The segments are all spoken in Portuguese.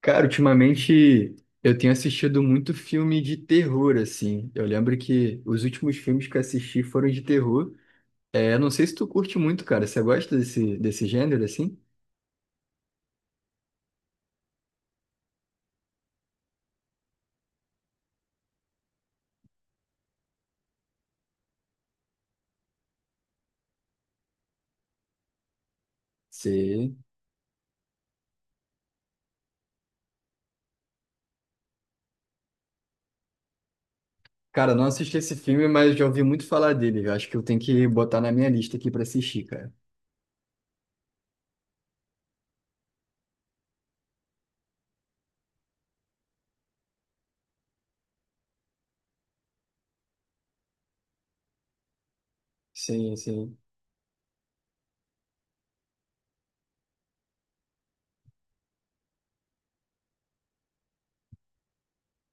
Cara, ultimamente eu tenho assistido muito filme de terror, assim. Eu lembro que os últimos filmes que eu assisti foram de terror. É, não sei se tu curte muito, cara. Você gosta desse gênero, assim? Sim. Cara, não assisti esse filme, mas já ouvi muito falar dele. Eu acho que eu tenho que botar na minha lista aqui pra assistir, cara. Sim, sim.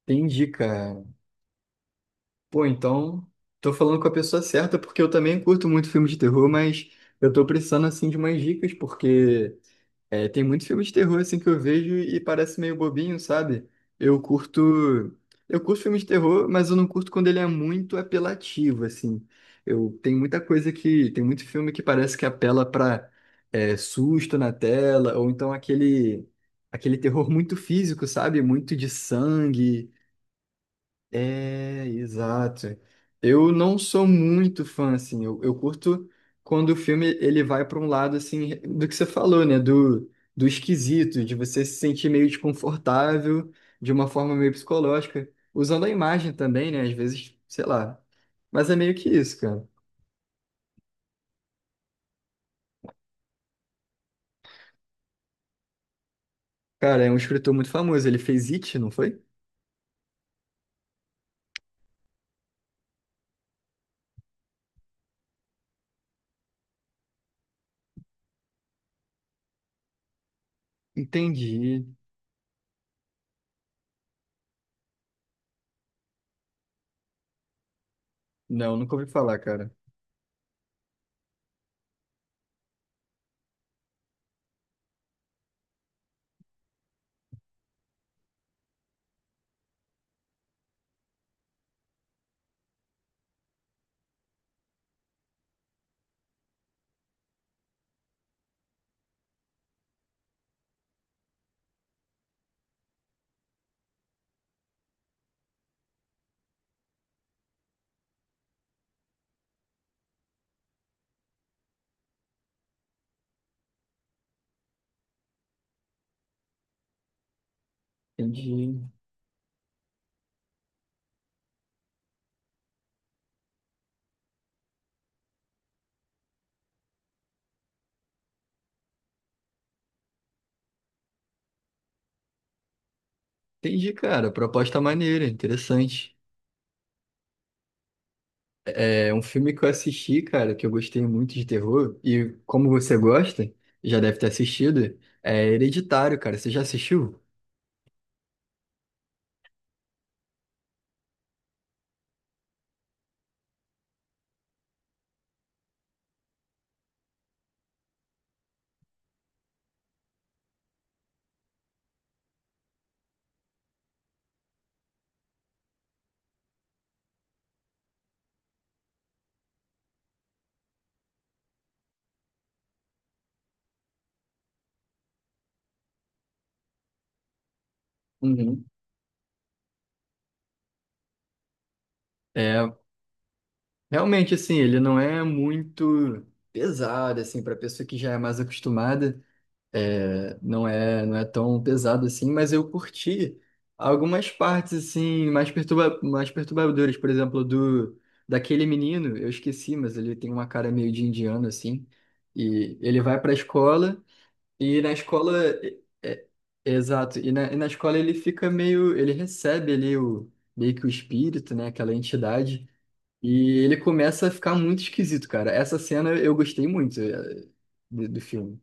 Entendi, cara. Pô, então, tô falando com a pessoa certa, porque eu também curto muito filme de terror, mas eu tô precisando, assim, de umas dicas, porque... É, tem muitos filmes de terror assim que eu vejo e parece meio bobinho, sabe? Eu curto, eu curto filme de terror, mas eu não curto quando ele é muito apelativo, assim. Eu tem muita coisa que tem muito filme que parece que apela pra é, susto na tela ou então aquele terror muito físico, sabe? Muito de sangue. É, exato. Eu não sou muito fã, assim, eu curto quando o filme ele vai para um lado, assim, do que você falou, né, do, do esquisito, de você se sentir meio desconfortável, de uma forma meio psicológica, usando a imagem também, né, às vezes, sei lá. Mas é meio que isso, cara. Cara, é um escritor muito famoso, ele fez It, não foi? Entendi. Não, nunca ouvi falar, cara. Entendi. Entendi, cara, proposta maneira, interessante. É um filme que eu assisti, cara, que eu gostei muito de terror. E como você gosta, já deve ter assistido, é Hereditário, cara. Você já assistiu? Uhum. É, realmente, assim, ele não é muito pesado, assim, para pessoa que já é mais acostumada, é, não é, não é tão pesado assim, mas eu curti algumas partes, assim, mais perturba, mais perturbadoras, por exemplo, do daquele menino, eu esqueci, mas ele tem uma cara meio de indiano, assim, e ele vai para a escola. E na escola, é- é- exato, e na escola ele fica meio, ele recebe ali o, meio que o espírito, né, aquela entidade, e ele começa a ficar muito esquisito, cara. Essa cena eu gostei muito eh, do, do filme.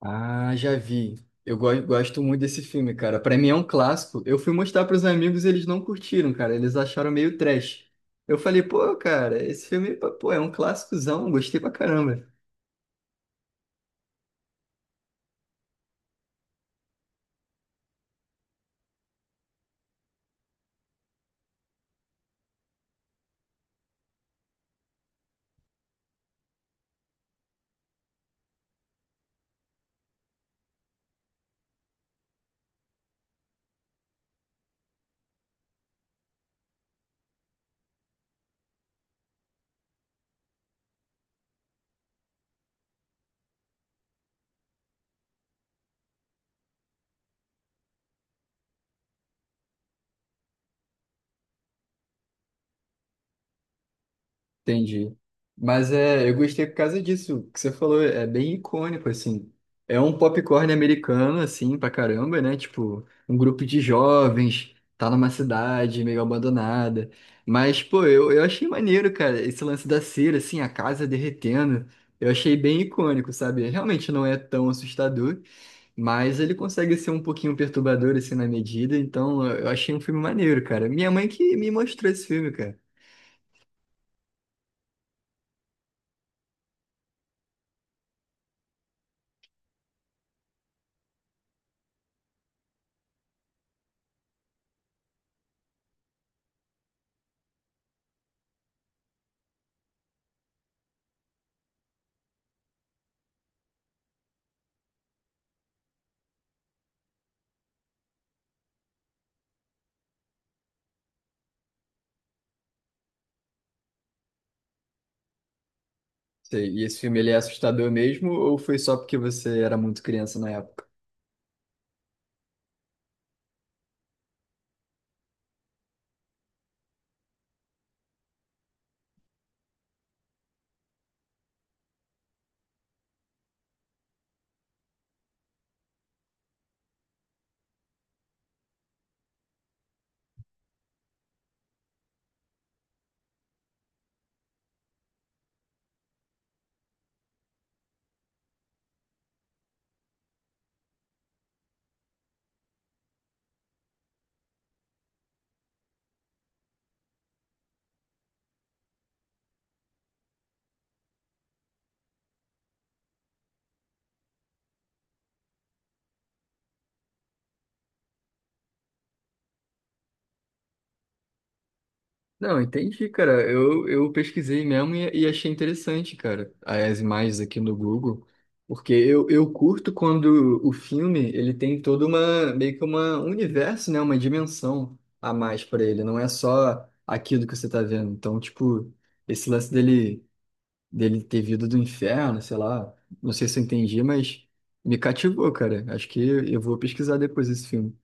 Ah, já vi. Eu go gosto muito desse filme, cara. Pra mim é um clássico. Eu fui mostrar pros amigos, eles não curtiram, cara. Eles acharam meio trash. Eu falei, pô, cara, esse filme, pô, é um clássicozão, gostei pra caramba. Entendi. Mas é, eu gostei por causa disso. O que você falou, é bem icônico, assim. É um popcorn americano, assim, pra caramba, né? Tipo, um grupo de jovens, tá numa cidade meio abandonada. Mas, pô, eu achei maneiro, cara, esse lance da cera, assim, a casa derretendo. Eu achei bem icônico, sabe? Realmente não é tão assustador, mas ele consegue ser um pouquinho perturbador, assim, na medida. Então, eu achei um filme maneiro, cara. Minha mãe que me mostrou esse filme, cara. Sei. E esse filme, ele é assustador mesmo ou foi só porque você era muito criança na época? Não, entendi, cara. Eu pesquisei mesmo e achei interessante, cara, as imagens aqui no Google, porque eu curto quando o filme, ele tem toda uma, meio que uma um universo, né, uma dimensão a mais para ele, não é só aquilo que você tá vendo. Então, tipo, esse lance dele, dele ter vindo do inferno, sei lá, não sei se eu entendi, mas me cativou, cara. Acho que eu vou pesquisar depois esse filme.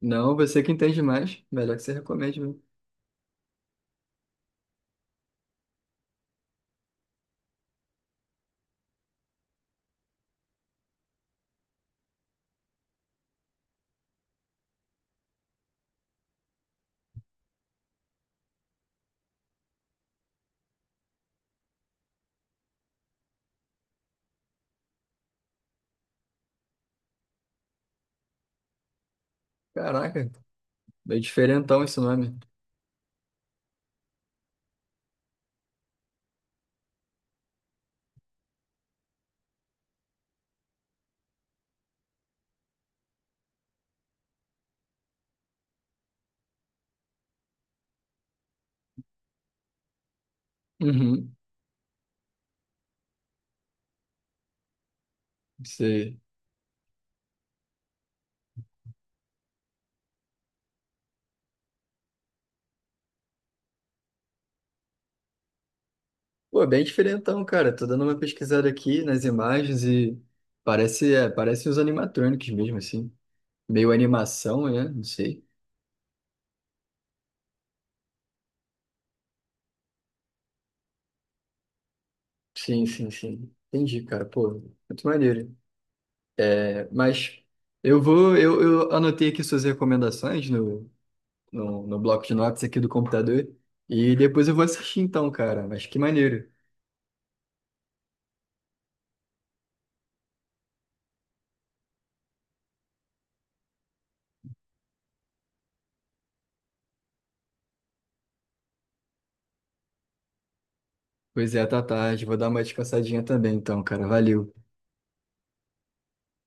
Não, você que entende mais. Melhor que você recomende, viu? Caraca, bem diferentão esse nome. Uhum, sei. Pô, bem diferentão, cara. Tô dando uma pesquisada aqui nas imagens e parece, é, parece os animatronics mesmo, assim. Meio animação, né? Não sei. Sim, sim, sim. Entendi, cara. Pô, muito maneiro. É, mas eu vou, eu anotei aqui suas recomendações no, no bloco de notas aqui do computador e depois eu vou assistir então, cara. Mas que maneiro. Pois é, tá tarde. Vou dar uma descansadinha também, então, cara. Valeu.